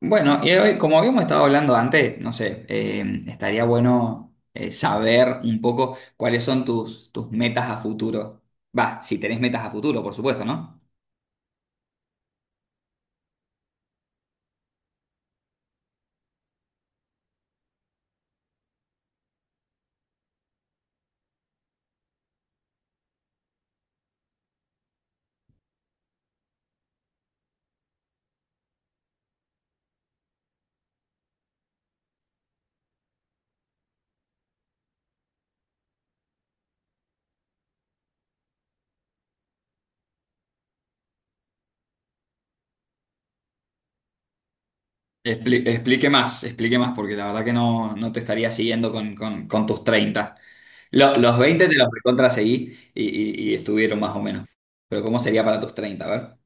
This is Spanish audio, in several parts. Bueno, y hoy, como habíamos estado hablando antes, no sé, estaría bueno saber un poco cuáles son tus metas a futuro. Va, si tenés metas a futuro, por supuesto, ¿no? ¿Explique más, explique más? Porque la verdad que no te estaría siguiendo con tus treinta. Los 20 te los recontra seguí y estuvieron más o menos. Pero ¿cómo sería para tus treinta? A ver,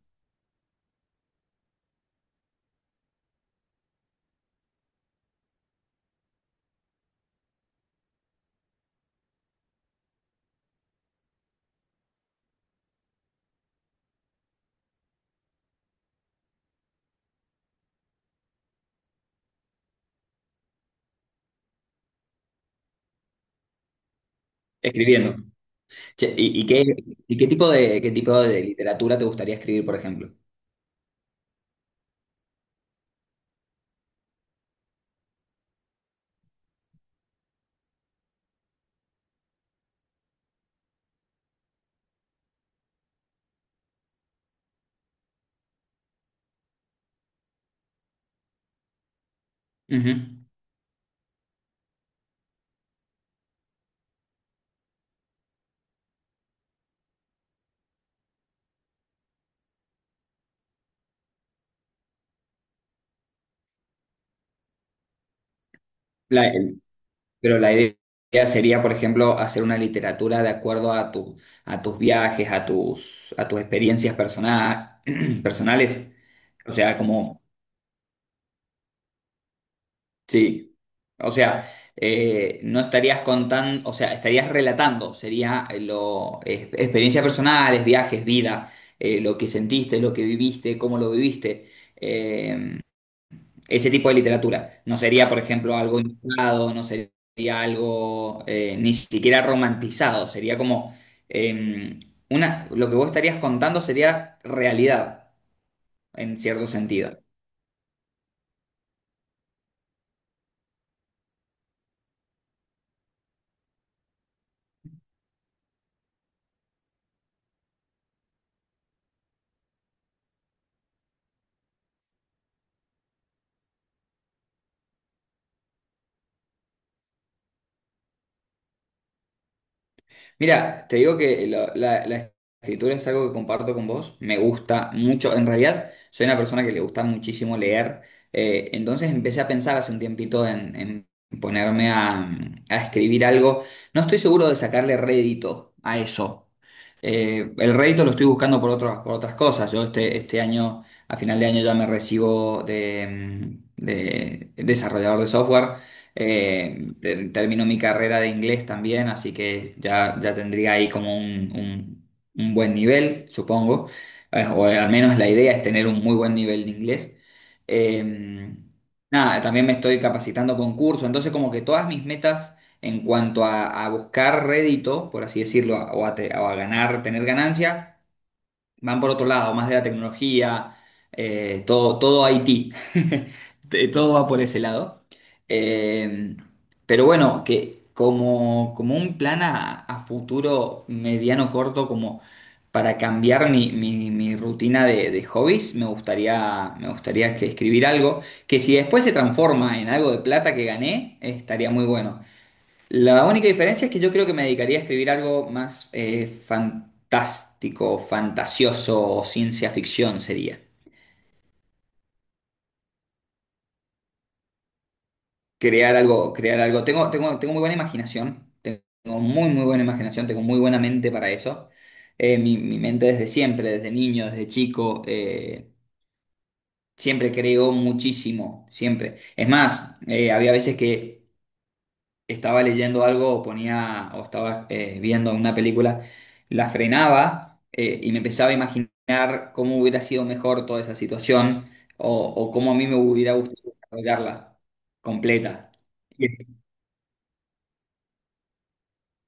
escribiendo. Che, ¿y qué, y qué tipo de literatura te gustaría escribir, por ejemplo? Ujú. Pero la idea sería, por ejemplo, hacer una literatura de acuerdo a tu, a tus viajes, a tus experiencias personales. O sea, como, sí. O sea, no estarías contando, o sea, estarías relatando, sería lo, experiencias personales, viajes, vida, lo que sentiste, lo que viviste, cómo lo viviste. Eh, Ese tipo de literatura. No sería, por ejemplo, algo inventado, no sería algo ni siquiera romantizado, sería como eh, una, lo que vos estarías contando sería realidad, en cierto sentido. Mira, te digo que la escritura es algo que comparto con vos. Me gusta mucho. En realidad, soy una persona que le gusta muchísimo leer. Entonces empecé a pensar hace un tiempito en ponerme a escribir algo. No estoy seguro de sacarle rédito a eso. El rédito lo estoy buscando por por otras cosas. Yo este año, a final de año, ya me recibo de, de desarrollador de software. Termino mi carrera de inglés también, así que ya tendría ahí como un buen nivel, supongo. O al menos la idea es tener un muy buen nivel de inglés. Eh, nada, también me estoy capacitando con curso, entonces como que todas mis metas en cuanto a buscar rédito, por así decirlo, o a ganar, tener ganancia. Van por otro lado, más de la tecnología, todo IT. Todo va por ese lado. Eh, pero bueno, que como, como un plan a futuro mediano corto, como para cambiar mi rutina de hobbies, me gustaría que escribir algo que si después se transforma en algo de plata que gané, estaría muy bueno. La única diferencia es que yo creo que me dedicaría a escribir algo más fantástico, fantasioso o ciencia ficción sería. Crear algo, crear algo. Tengo muy buena imaginación, tengo muy, muy buena imaginación, tengo muy buena mente para eso. Mi mente desde siempre, desde niño, desde chico, siempre creo muchísimo, siempre. Es más, había veces que estaba leyendo algo o ponía o estaba viendo una película, la frenaba y me empezaba a imaginar cómo hubiera sido mejor toda esa situación o cómo a mí me hubiera gustado desarrollarla completa. Y-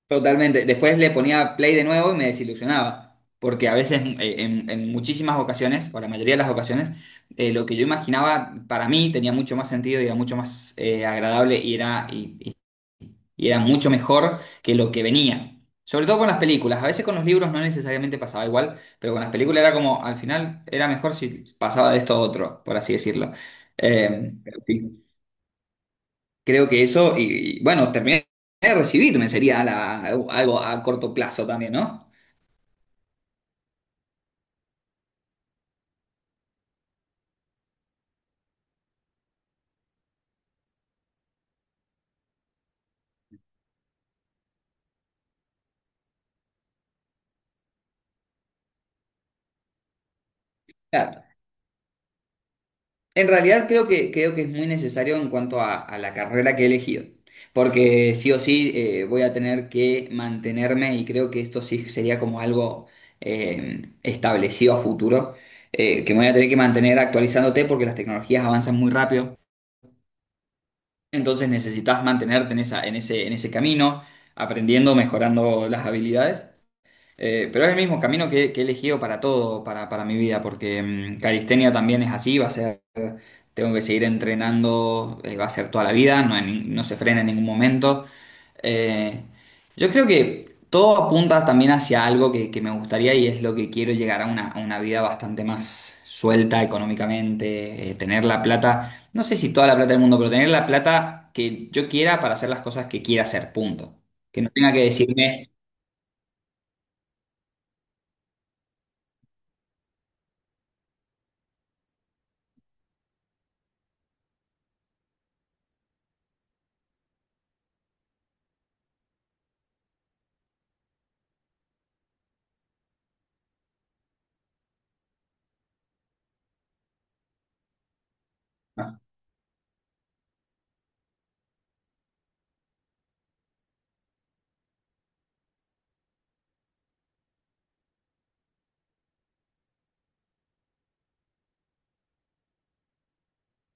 Totalmente. Después le ponía play de nuevo y me desilusionaba. Porque a veces, en muchísimas ocasiones, o la mayoría de las ocasiones, lo que yo imaginaba para mí tenía mucho más sentido y era mucho más agradable y era y era mucho mejor que lo que venía. Sobre todo con las películas, a veces con los libros no necesariamente pasaba igual, pero con las películas era como, al final era mejor si pasaba de esto a otro, por así decirlo. Pero sí, creo que eso, y bueno, terminé de recibirme sería algo a corto plazo también, ¿no? Claro, en realidad creo que es muy necesario en cuanto a la carrera que he elegido, porque sí o sí voy a tener que mantenerme y creo que esto sí sería como algo establecido a futuro, que me voy a tener que mantener actualizándote porque las tecnologías avanzan muy rápido, entonces necesitas mantenerte en esa, en ese camino, aprendiendo, mejorando las habilidades. Pero es el mismo camino que he elegido para todo, para mi vida, porque calistenia también es así, va a ser tengo que seguir entrenando, va a ser toda la vida, no, hay no se frena en ningún momento. Eh, yo creo que todo apunta también hacia algo que me gustaría y es lo que quiero llegar a una vida bastante más suelta económicamente, tener la plata, no sé si toda la plata del mundo, pero tener la plata que yo quiera para hacer las cosas que quiera hacer, punto. Que no tenga que decirme... "Ah,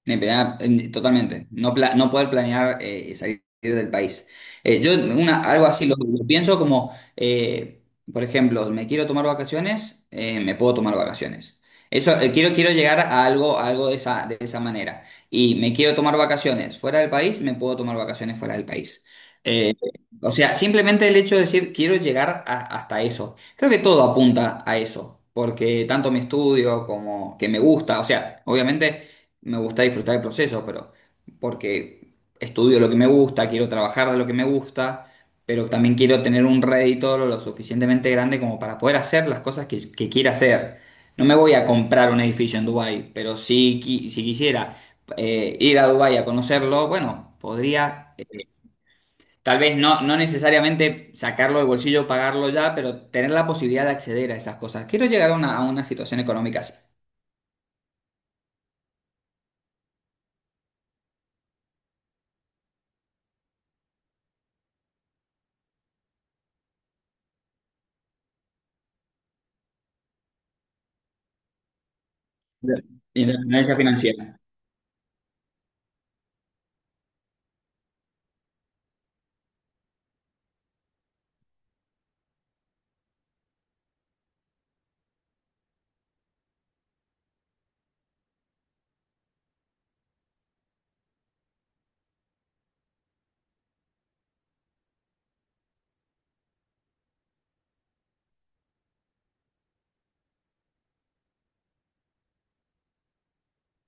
eh, totalmente. No poder planear salir del país. Yo una, algo así lo pienso como, por ejemplo, me quiero tomar vacaciones, me puedo tomar vacaciones. Eso, quiero llegar a algo de esa manera. Y me quiero tomar vacaciones fuera del país, me puedo tomar vacaciones fuera del país. Eh, o sea, simplemente el hecho de decir quiero llegar hasta eso. Creo que todo apunta a eso, porque tanto mi estudio como que me gusta, o sea, obviamente me gusta disfrutar el proceso, pero porque estudio lo que me gusta, quiero trabajar de lo que me gusta, pero también quiero tener un rédito lo suficientemente grande como para poder hacer las cosas que quiera hacer. No me voy a comprar un edificio en Dubái, pero si, si quisiera ir a Dubái a conocerlo, bueno, podría, tal vez no necesariamente sacarlo del bolsillo, pagarlo ya, pero tener la posibilidad de acceder a esas cosas. Quiero llegar a una situación económica así, de independencia financiera.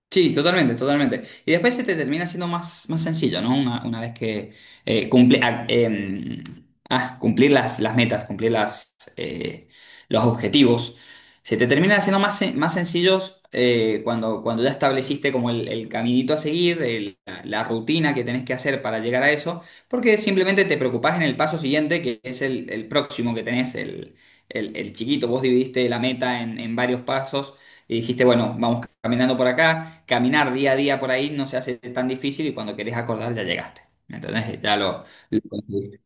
Sí, totalmente, totalmente. Y después se te termina siendo más, más sencillo, ¿no? Una vez que cumple, ah, em, ah, cumplir las metas, cumplir las, los objetivos, se te termina siendo más, más sencillos cuando ya estableciste como el caminito a seguir, la rutina que tenés que hacer para llegar a eso, porque simplemente te preocupás en el paso siguiente, que es el próximo que tenés, el, el chiquito. Vos dividiste la meta en varios pasos y dijiste, bueno, vamos caminando por acá, caminar día a día por ahí no se hace tan difícil y cuando querés acordar ya llegaste. Entonces ya lo conseguiste.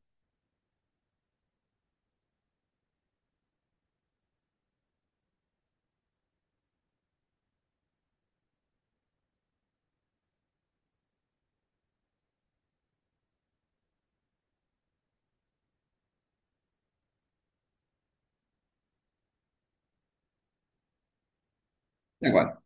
De acuerdo,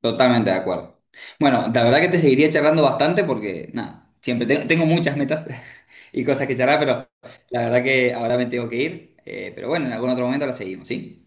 totalmente de acuerdo. Bueno, la verdad que te seguiría charlando bastante porque, nada, siempre tengo muchas metas y cosas que charlar, pero la verdad que ahora me tengo que ir. Pero bueno, en algún otro momento la seguimos, ¿sí?